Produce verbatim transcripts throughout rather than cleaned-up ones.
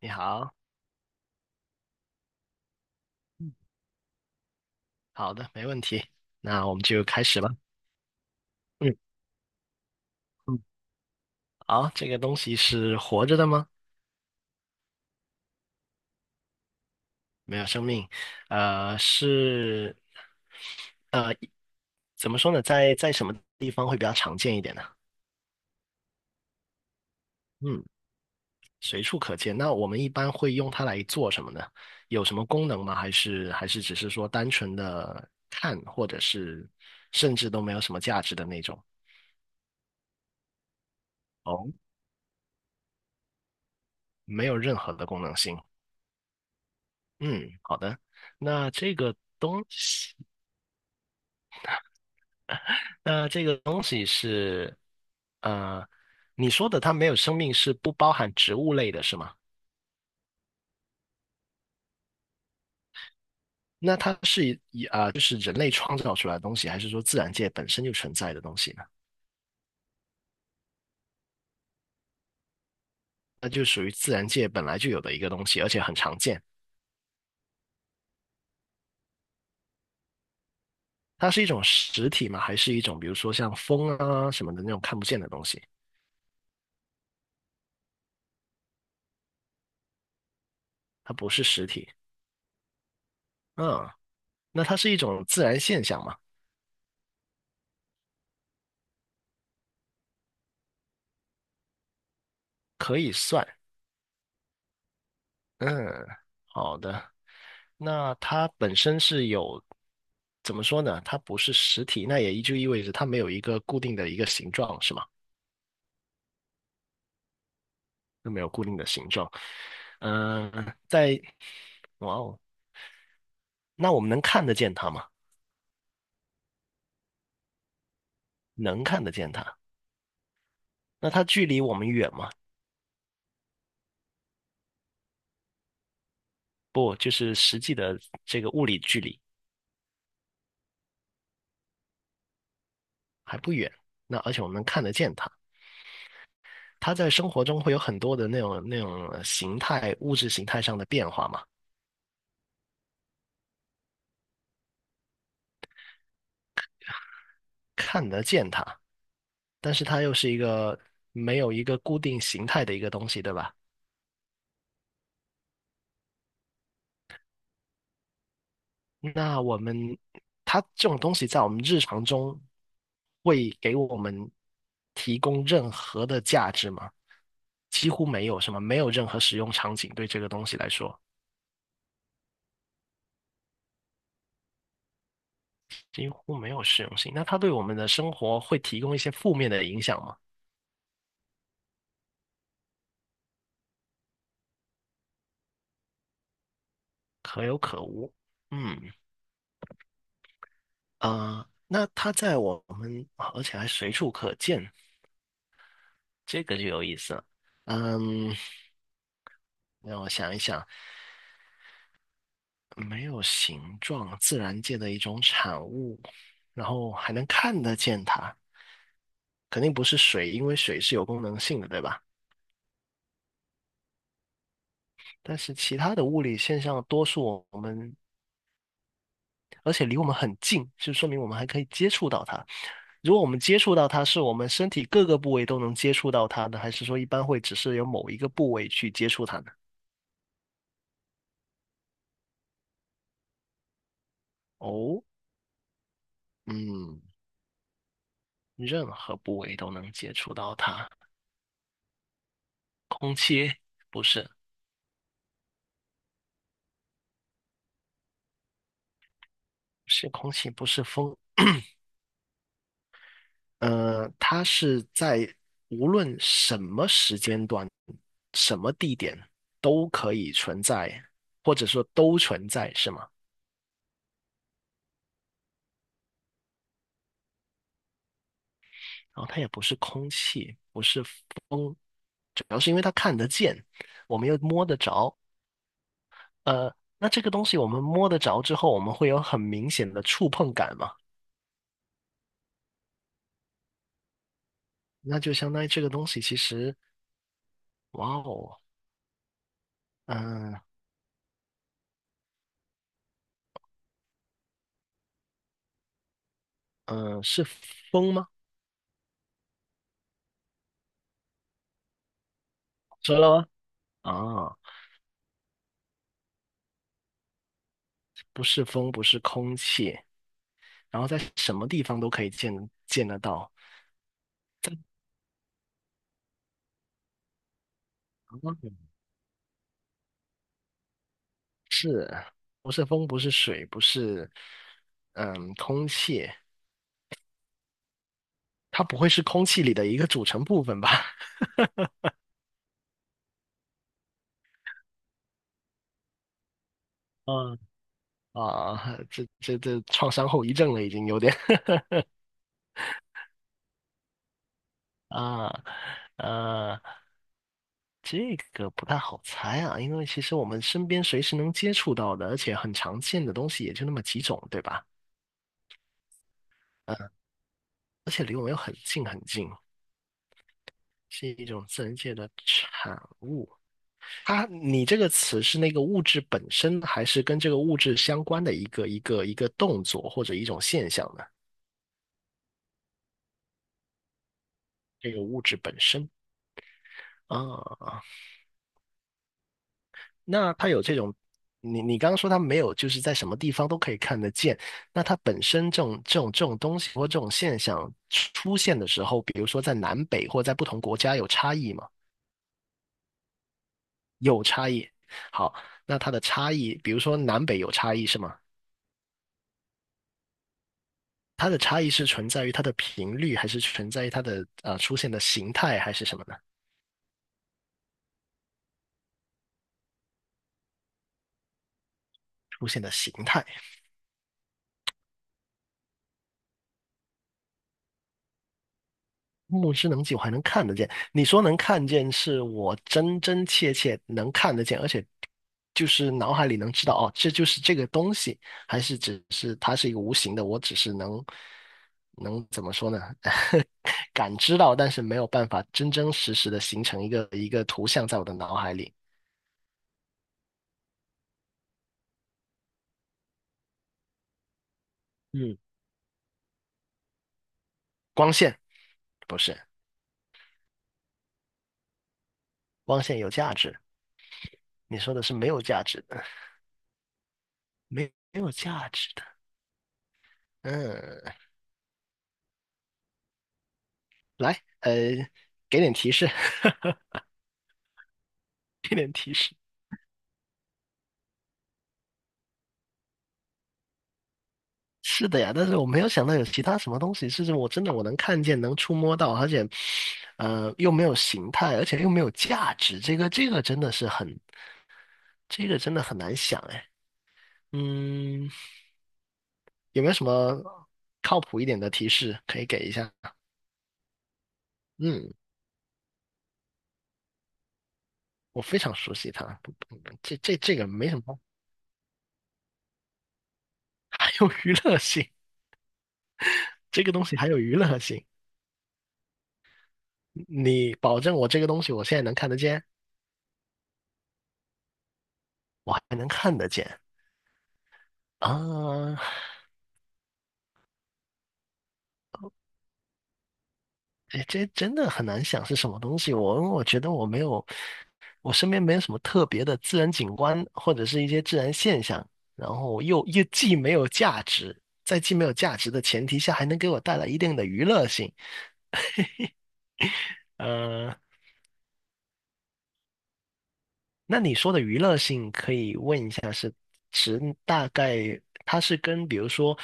你好，好的，没问题。那我们就开始吧。嗯嗯，好，这个东西是活着的吗？没有生命，呃，是，呃，怎么说呢？在在什么地方会比较常见一点呢？嗯，随处可见。那我们一般会用它来做什么呢？有什么功能吗？还是还是只是说单纯的看，或者是甚至都没有什么价值的那种？哦，没有任何的功能性。嗯，好的。那这个东西，那这个东西是，呃，你说的它没有生命是不包含植物类的，是吗？那它是以啊、就是人类创造出来的东西，还是说自然界本身就存在的东西呢？那就属于自然界本来就有的一个东西，而且很常见。它是一种实体吗？还是一种比如说像风啊什么的那种看不见的东西？它不是实体。嗯，那它是一种自然现象吗？可以算。嗯，好的。那它本身是有，怎么说呢？它不是实体，那也就意味着它没有一个固定的一个形状，是吗？就没有固定的形状。嗯、在，哇哦，那我们能看得见它吗？能看得见它。那它距离我们远吗？不，就是实际的这个物理距离还不远。那而且我们能看得见它。它在生活中会有很多的那种那种形态、物质形态上的变化嘛，看得见它。但是它又是一个没有一个固定形态的一个东西，对吧？那我们它这种东西在我们日常中会给我们提供任何的价值吗？几乎没有什么，没有任何使用场景对这个东西来说，几乎没有实用性。那它对我们的生活会提供一些负面的影响吗？可有可无。嗯，啊，那它在我们，而且还随处可见，这个就有意思了。嗯，让我想一想，没有形状，自然界的一种产物，然后还能看得见它，肯定不是水，因为水是有功能性的，对吧？但是其他的物理现象，多数我们，而且离我们很近，就说明我们还可以接触到它。如果我们接触到它，是我们身体各个部位都能接触到它的，还是说一般会只是有某一个部位去接触它呢？哦，嗯，任何部位都能接触到它，空气不是。是空气，不是风。呃，它是在无论什么时间段、什么地点都可以存在，或者说都存在，是吗？然后它也不是空气，不是风，主要是因为它看得见，我们又摸得着。呃，那这个东西我们摸得着之后，我们会有很明显的触碰感嘛？那就相当于这个东西其实，哇哦，嗯、嗯、是风吗？说了吗？啊。不是风，不是空气，然后在什么地方都可以见见得到。嗯是，不是风，不是水，不是嗯空气，它不会是空气里的一个组成部分吧？嗯，啊，这这这创伤后遗症了，已经有点 啊呃，这个不太好猜啊，因为其实我们身边随时能接触到的，而且很常见的东西也就那么几种，对吧？嗯，而且离我们又很近很近，是一种自然界的产物。它，你这个词是那个物质本身，还是跟这个物质相关的一个一个一个动作或者一种现象呢？这个物质本身啊，那它有这种，你你刚刚说它没有，就是在什么地方都可以看得见。那它本身这种这种这种东西或这种现象出现的时候，比如说在南北或在不同国家有差异吗？有差异。好，那它的差异，比如说南北有差异是吗？它的差异是存在于它的频率，还是存在于它的呃出现的形态，还是什么呢？出现的形态，目之能及，我还能看得见。你说能看见，是我真真切切能看得见，而且就是脑海里能知道哦，这就是这个东西，还是只是它是一个无形的，我只是能能怎么说呢？感知到，但是没有办法真真实实的形成一个一个图像在我的脑海里。嗯，光线不是，光线有价值。你说的是没有价值的，没没有价值的。嗯，来，呃，给点提示，给点提示。是的呀，但是我没有想到有其他什么东西是我真的我能看见、能触摸到，而且，呃，又没有形态，而且又没有价值。这个这个真的是很，这个真的很难想哎。嗯，有没有什么靠谱一点的提示可以给一下？嗯，我非常熟悉它，不不这这这个没什么，还有娱乐性，这个东西还有娱乐性。你保证我这个东西我现在能看得见，我还能看得见啊？这这真的很难想是什么东西。我我觉得我没有，我身边没有什么特别的自然景观或者是一些自然现象，然后又又既没有价值，在既没有价值的前提下，还能给我带来一定的娱乐性。嗯。那你说的娱乐性，可以问一下是指大概它是跟比如说，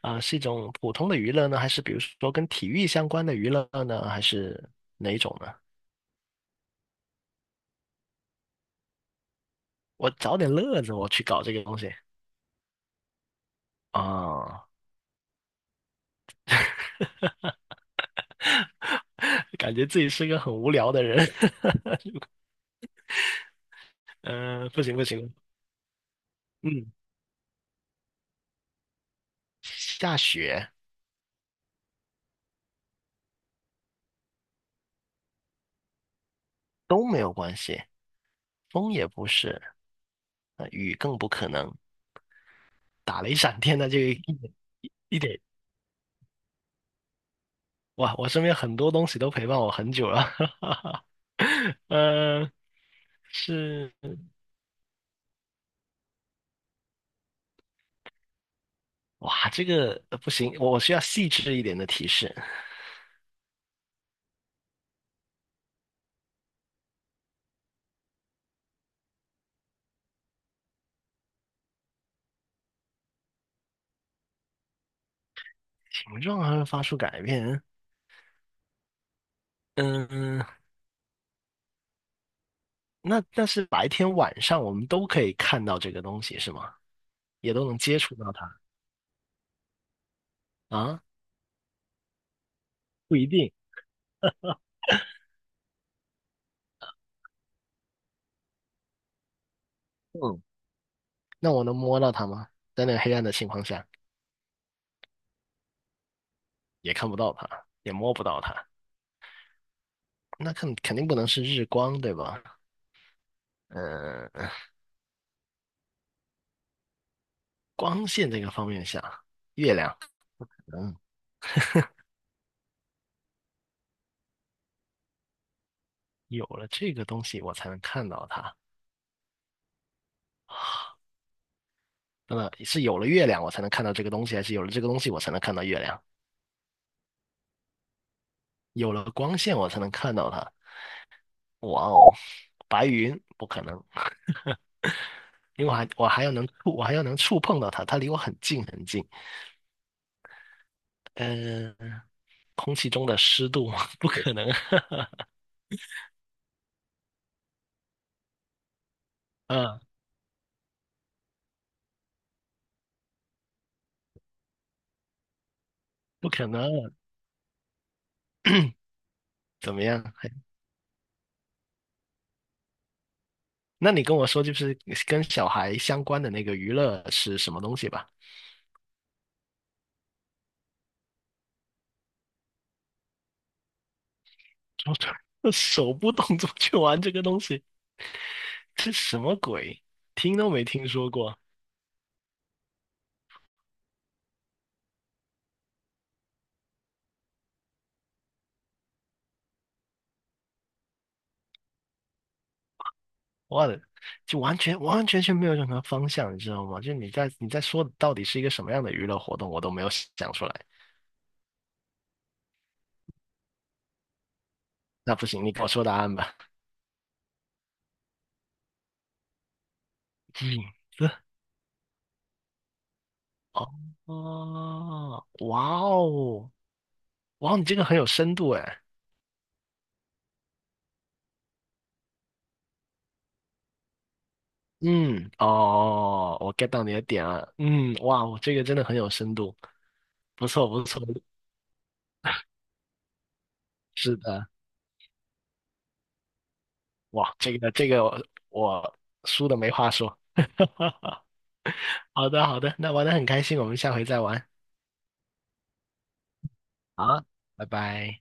啊、是一种普通的娱乐呢，还是比如说跟体育相关的娱乐呢，还是哪一种呢？我找点乐子，我去搞这个东西啊、感觉自己是个很无聊的人。嗯、不行不行，嗯，下雪都没有关系，风也不是，呃雨更不可能，打雷闪电那就一点一点哇，我身边很多东西都陪伴我很久了，哈哈。呃，是，哇，这个呃不行，我我需要细致一点的提示。形状还会发出改变，嗯，那但是白天晚上我们都可以看到这个东西是吗？也都能接触到它啊？不一定，嗯，那我能摸到它吗？在那个黑暗的情况下，也看不到它，也摸不到它，那肯肯定不能是日光，对吧？嗯，光线这个方面下，月亮。嗯，有了这个东西，我才能看到它。呃，是有了月亮，我才能看到这个东西，还是有了这个东西，我才能看到月亮？有了光线，我才能看到它。哇哦，白云不可能，因为我还我还要能触，我还要能触碰到它，它离我很近很近。嗯、空气中的湿度 不可能，嗯，不可能。怎么样？还那你跟我说，就是跟小孩相关的那个娱乐是什么东西吧？手手部动作去玩这个东西，这什么鬼？听都没听说过，我的，就完全完完全全没有任何方向，你知道吗？就你在你在说的到底是一个什么样的娱乐活动，我都没有想出来。那不行，你给我说答案吧。影子 哦，哦，哇哦，哇哦，你这个很有深度哎。嗯，哦，我 get 到你的点了。嗯，哇，哦，这个真的很有深度，不错不错，是的。哇，这个这个我输的没话说。好的好的，那玩的很开心，我们下回再玩。啊，拜拜。